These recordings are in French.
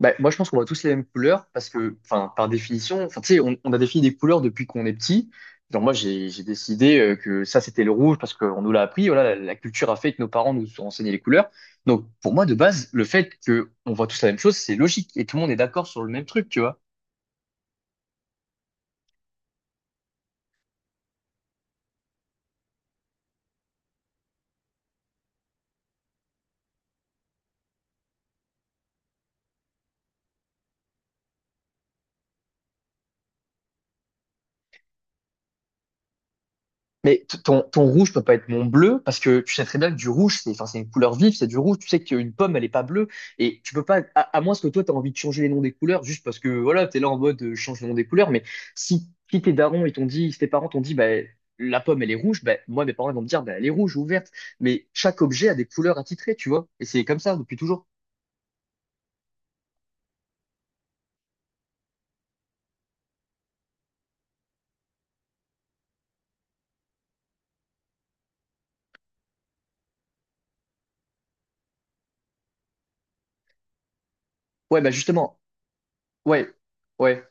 Bah, moi, je pense qu'on voit tous les mêmes couleurs parce que, enfin, par définition, enfin, tu sais, on a défini des couleurs depuis qu'on est petit. Genre, moi, j'ai décidé que ça, c'était le rouge parce qu'on nous l'a appris. Voilà, la culture a fait que nos parents nous ont enseigné les couleurs. Donc, pour moi, de base, le fait que on voit tous la même chose, c'est logique et tout le monde est d'accord sur le même truc, tu vois. Mais ton rouge peut pas être mon bleu parce que tu sais très bien que du rouge, c'est enfin, c'est une couleur vive, c'est du rouge. Tu sais qu'une pomme, elle est pas bleue et tu peux pas, à moins que toi, tu as envie de changer les noms des couleurs juste parce que voilà, tu es là en mode change le nom des couleurs. Mais si tes darons, ils t'ont dit, si tes parents t'ont dit, bah, la pomme, elle est rouge, bah, moi, mes parents, ils vont me dire, bah, elle est rouge ou verte. Mais chaque objet a des couleurs attitrées, tu vois. Et c'est comme ça depuis toujours. Ouais, bah justement, ouais, ouais,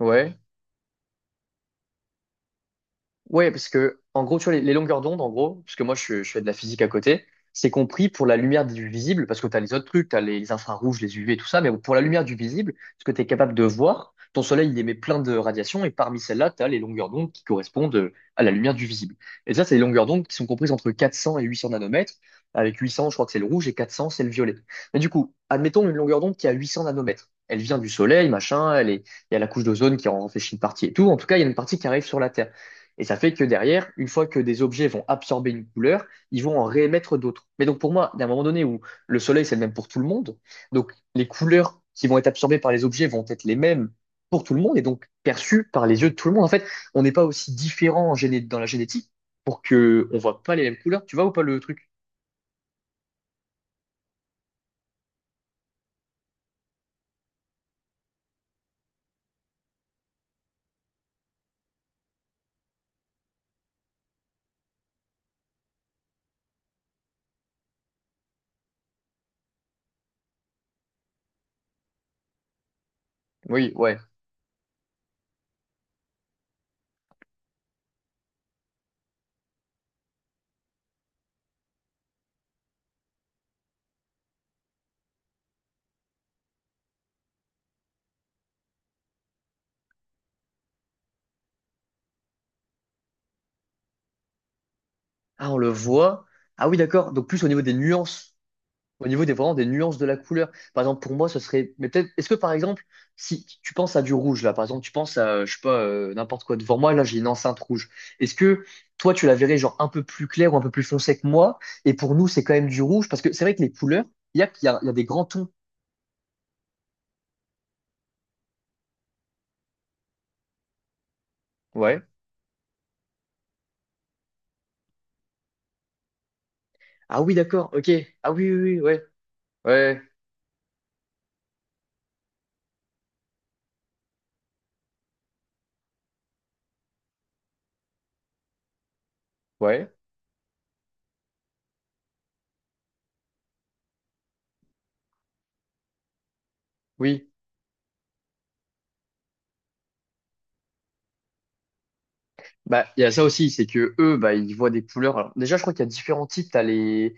ouais. Ouais, parce que, en gros, tu vois, les longueurs d'onde, en gros, parce que moi, je fais de la physique à côté, c'est compris pour la lumière du visible, parce que tu as les autres trucs, tu as les infrarouges, les UV, tout ça, mais pour la lumière du visible, ce que tu es capable de voir, ton soleil, il émet plein de radiations, et parmi celles-là, tu as les longueurs d'onde qui correspondent à la lumière du visible. Et ça, c'est les longueurs d'onde qui sont comprises entre 400 et 800 nanomètres, avec 800, je crois que c'est le rouge, et 400, c'est le violet. Mais du coup, admettons une longueur d'onde qui a 800 nanomètres. Elle vient du soleil, machin, elle est, il y a la couche d'ozone qui en réfléchit une partie et tout. En tout cas, il y a une partie qui arrive sur la Terre. Et ça fait que derrière, une fois que des objets vont absorber une couleur, ils vont en réémettre d'autres. Mais donc pour moi, d'un moment donné où le soleil, c'est le même pour tout le monde, donc les couleurs qui vont être absorbées par les objets vont être les mêmes pour tout le monde et donc perçues par les yeux de tout le monde. En fait, on n'est pas aussi différent en dans la génétique pour que on voit pas les mêmes couleurs. Tu vois ou pas le truc? Oui, ouais. Ah, on le voit. Ah oui, d'accord. Donc plus au niveau des nuances. Au niveau des vraiment des nuances de la couleur. Par exemple, pour moi, ce serait. Mais peut-être. Est-ce que par exemple, si tu penses à du rouge, là, par exemple, tu penses à, je sais pas, n'importe quoi devant moi, là, j'ai une enceinte rouge. Est-ce que toi, tu la verrais genre un peu plus claire ou un peu plus foncée que moi? Et pour nous, c'est quand même du rouge, parce que c'est vrai que les couleurs, il y a, il y a, il y a des grands tons. Ouais. Ah oui, d'accord, ok. Ah oui, oui, oui, ouais. Ouais, ouais, oui. Bah, il y a ça aussi, c'est que eux, bah, ils voient des couleurs. Alors, déjà, je crois qu'il y a différents types. T'as les,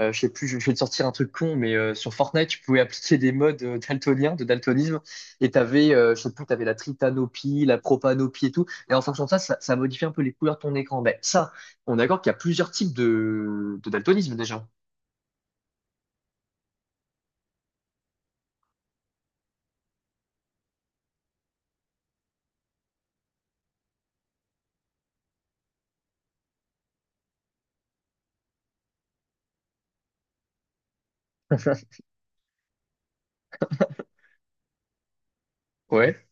je sais plus, je vais te sortir un truc con, mais sur Fortnite, tu pouvais appliquer des modes daltoniens, de daltonisme, et t'avais, je sais plus, t'avais la tritanopie, la propanopie et tout. Et en fonction de ça, ça modifie un peu les couleurs de ton écran. Ben, ça, on est d'accord qu'il y a plusieurs types de daltonisme déjà. Ouais,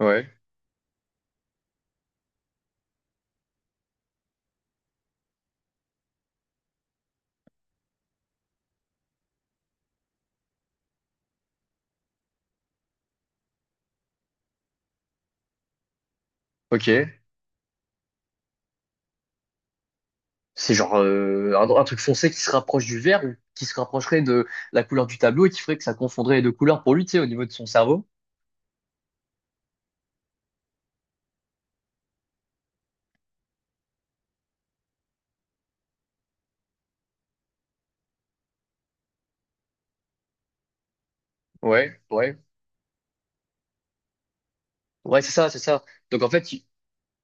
ouais, ok. C'est genre un truc foncé qui se rapproche du vert ou qui se rapprocherait de la couleur du tableau et qui ferait que ça confondrait les deux couleurs pour lui, tu sais, au niveau de son cerveau. Ouais, ouais. Ouais, c'est ça, c'est ça. Donc en fait,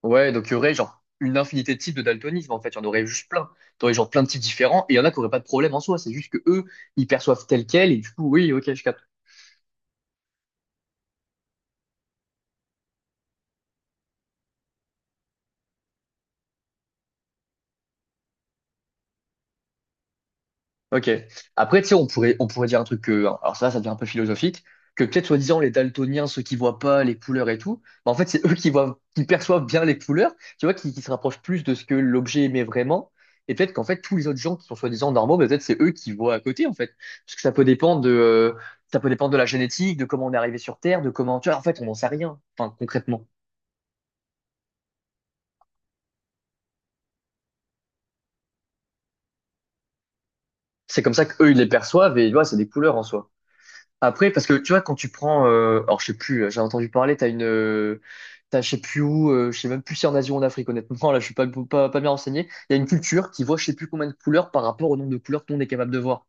ouais, donc il y aurait genre une infinité de types de daltonisme, en fait, il y en aurait juste plein. T'aurais genre plein de types différents, et il y en a qui auraient pas de problème en soi, c'est juste que eux, ils perçoivent tel quel, et du coup, oui, ok, je capte. Ok. Après, tu sais, on pourrait dire un truc que, alors ça devient un peu philosophique, que peut-être soi-disant les daltoniens, ceux qui voient pas les couleurs et tout, bah, en fait, c'est eux qui voient, qui perçoivent bien les couleurs, tu vois, qui se rapprochent plus de ce que l'objet émet vraiment. Et peut-être qu'en fait, tous les autres gens qui sont soi-disant normaux, bah, peut-être c'est eux qui voient à côté, en fait. Parce que ça peut dépendre de, ça peut dépendre de la génétique, de comment on est arrivé sur Terre, de comment, tu vois, en fait, on n'en sait rien, enfin, concrètement. C'est comme ça qu'eux, ils les perçoivent et, tu vois, c'est des couleurs en soi. Après, parce que tu vois, quand tu prends, alors je sais plus, j'ai entendu parler, t'as une, t'as je sais plus où, je sais même plus si en Asie ou en Afrique, honnêtement, là je suis pas bien renseigné. Il y a une culture qui voit je sais plus combien de couleurs par rapport au nombre de couleurs qu'on est capable de voir.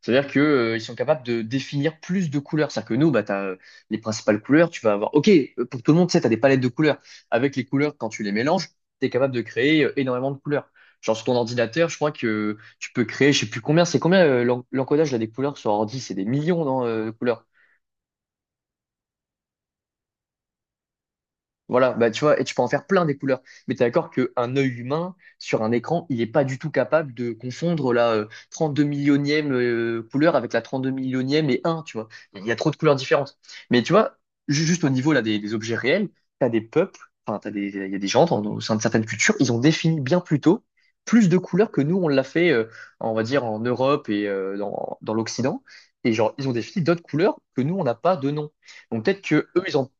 C'est-à-dire que, ils sont capables de définir plus de couleurs. C'est-à-dire que nous, bah, tu as les principales couleurs, tu vas avoir... OK, pour tout le monde, tu sais, tu as des palettes de couleurs. Avec les couleurs, quand tu les mélanges, tu es capable de créer énormément de couleurs. Genre sur ton ordinateur, je crois que tu peux créer, je sais plus combien, c'est combien l'encodage là, des couleurs sur ordi, c'est des millions, non, de couleurs. Voilà, bah, tu vois, et tu peux en faire plein des couleurs. Mais t'es d'accord qu'un œil humain, sur un écran, il n'est pas du tout capable de confondre la 32 millionième couleur avec la 32 millionième et un tu vois. Il y a trop de couleurs différentes. Mais tu vois, juste au niveau là, des objets réels, t'as des peuples, enfin, t'as des, il y a des gens dans, au sein de certaines cultures, ils ont défini bien plus tôt plus de couleurs que nous, on l'a fait, on va dire, en Europe et dans, dans l'Occident. Et genre, ils ont défini d'autres couleurs que nous, on n'a pas de nom. Donc peut-être que eux, ils ont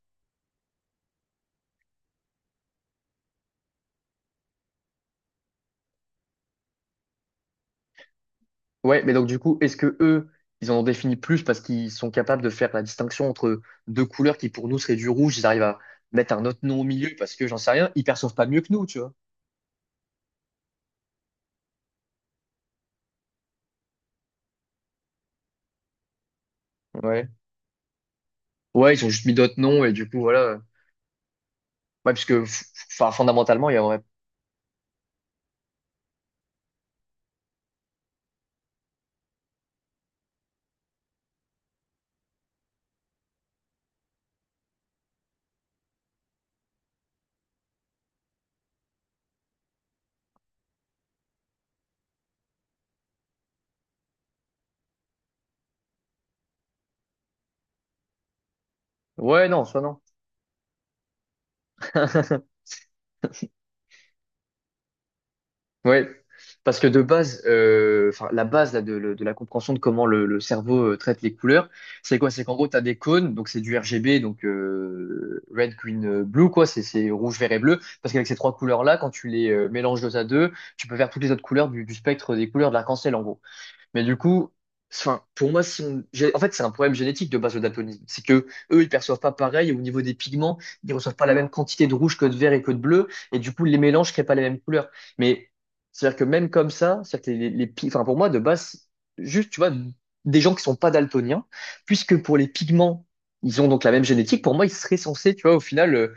Ouais, mais donc du coup, est-ce que eux, ils en ont défini plus parce qu'ils sont capables de faire la distinction entre deux couleurs qui pour nous seraient du rouge, ils arrivent à mettre un autre nom au milieu parce que j'en sais rien, ils perçoivent pas mieux que nous, tu vois. Ouais. Ouais, ils ont juste mis d'autres noms et du coup, voilà. Ouais, parce que enfin, fondamentalement, il y aurait... Ouais, non, soit non. Ouais, parce que de base, enfin la base là, de la compréhension de comment le cerveau traite les couleurs, c'est quoi? C'est qu'en gros, tu as des cônes, donc c'est du RGB, donc red, green, blue, quoi, c'est rouge, vert et bleu. Parce qu'avec ces trois couleurs-là, quand tu les mélanges deux à deux, tu peux faire toutes les autres couleurs du spectre des couleurs de l'arc-en-ciel, en gros. Mais du coup, enfin, pour moi, si on... en fait, c'est un problème génétique de base le daltonisme. C'est que eux, ils perçoivent pas pareil au niveau des pigments. Ils reçoivent pas la même quantité de rouge que de vert et que de bleu. Et du coup, les mélanges créent pas les mêmes couleurs. Mais c'est-à-dire que même comme ça, c'est-à-dire que les, enfin, pour moi, de base, juste, tu vois, des gens qui sont pas daltoniens, puisque pour les pigments, ils ont donc la même génétique. Pour moi, ils seraient censés, tu vois, au final.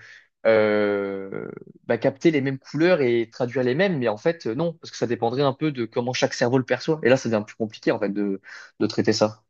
euh, bah, capter les mêmes couleurs et traduire les mêmes, mais en fait, non, parce que ça dépendrait un peu de comment chaque cerveau le perçoit. Et là, ça devient plus compliqué, en fait, de traiter ça.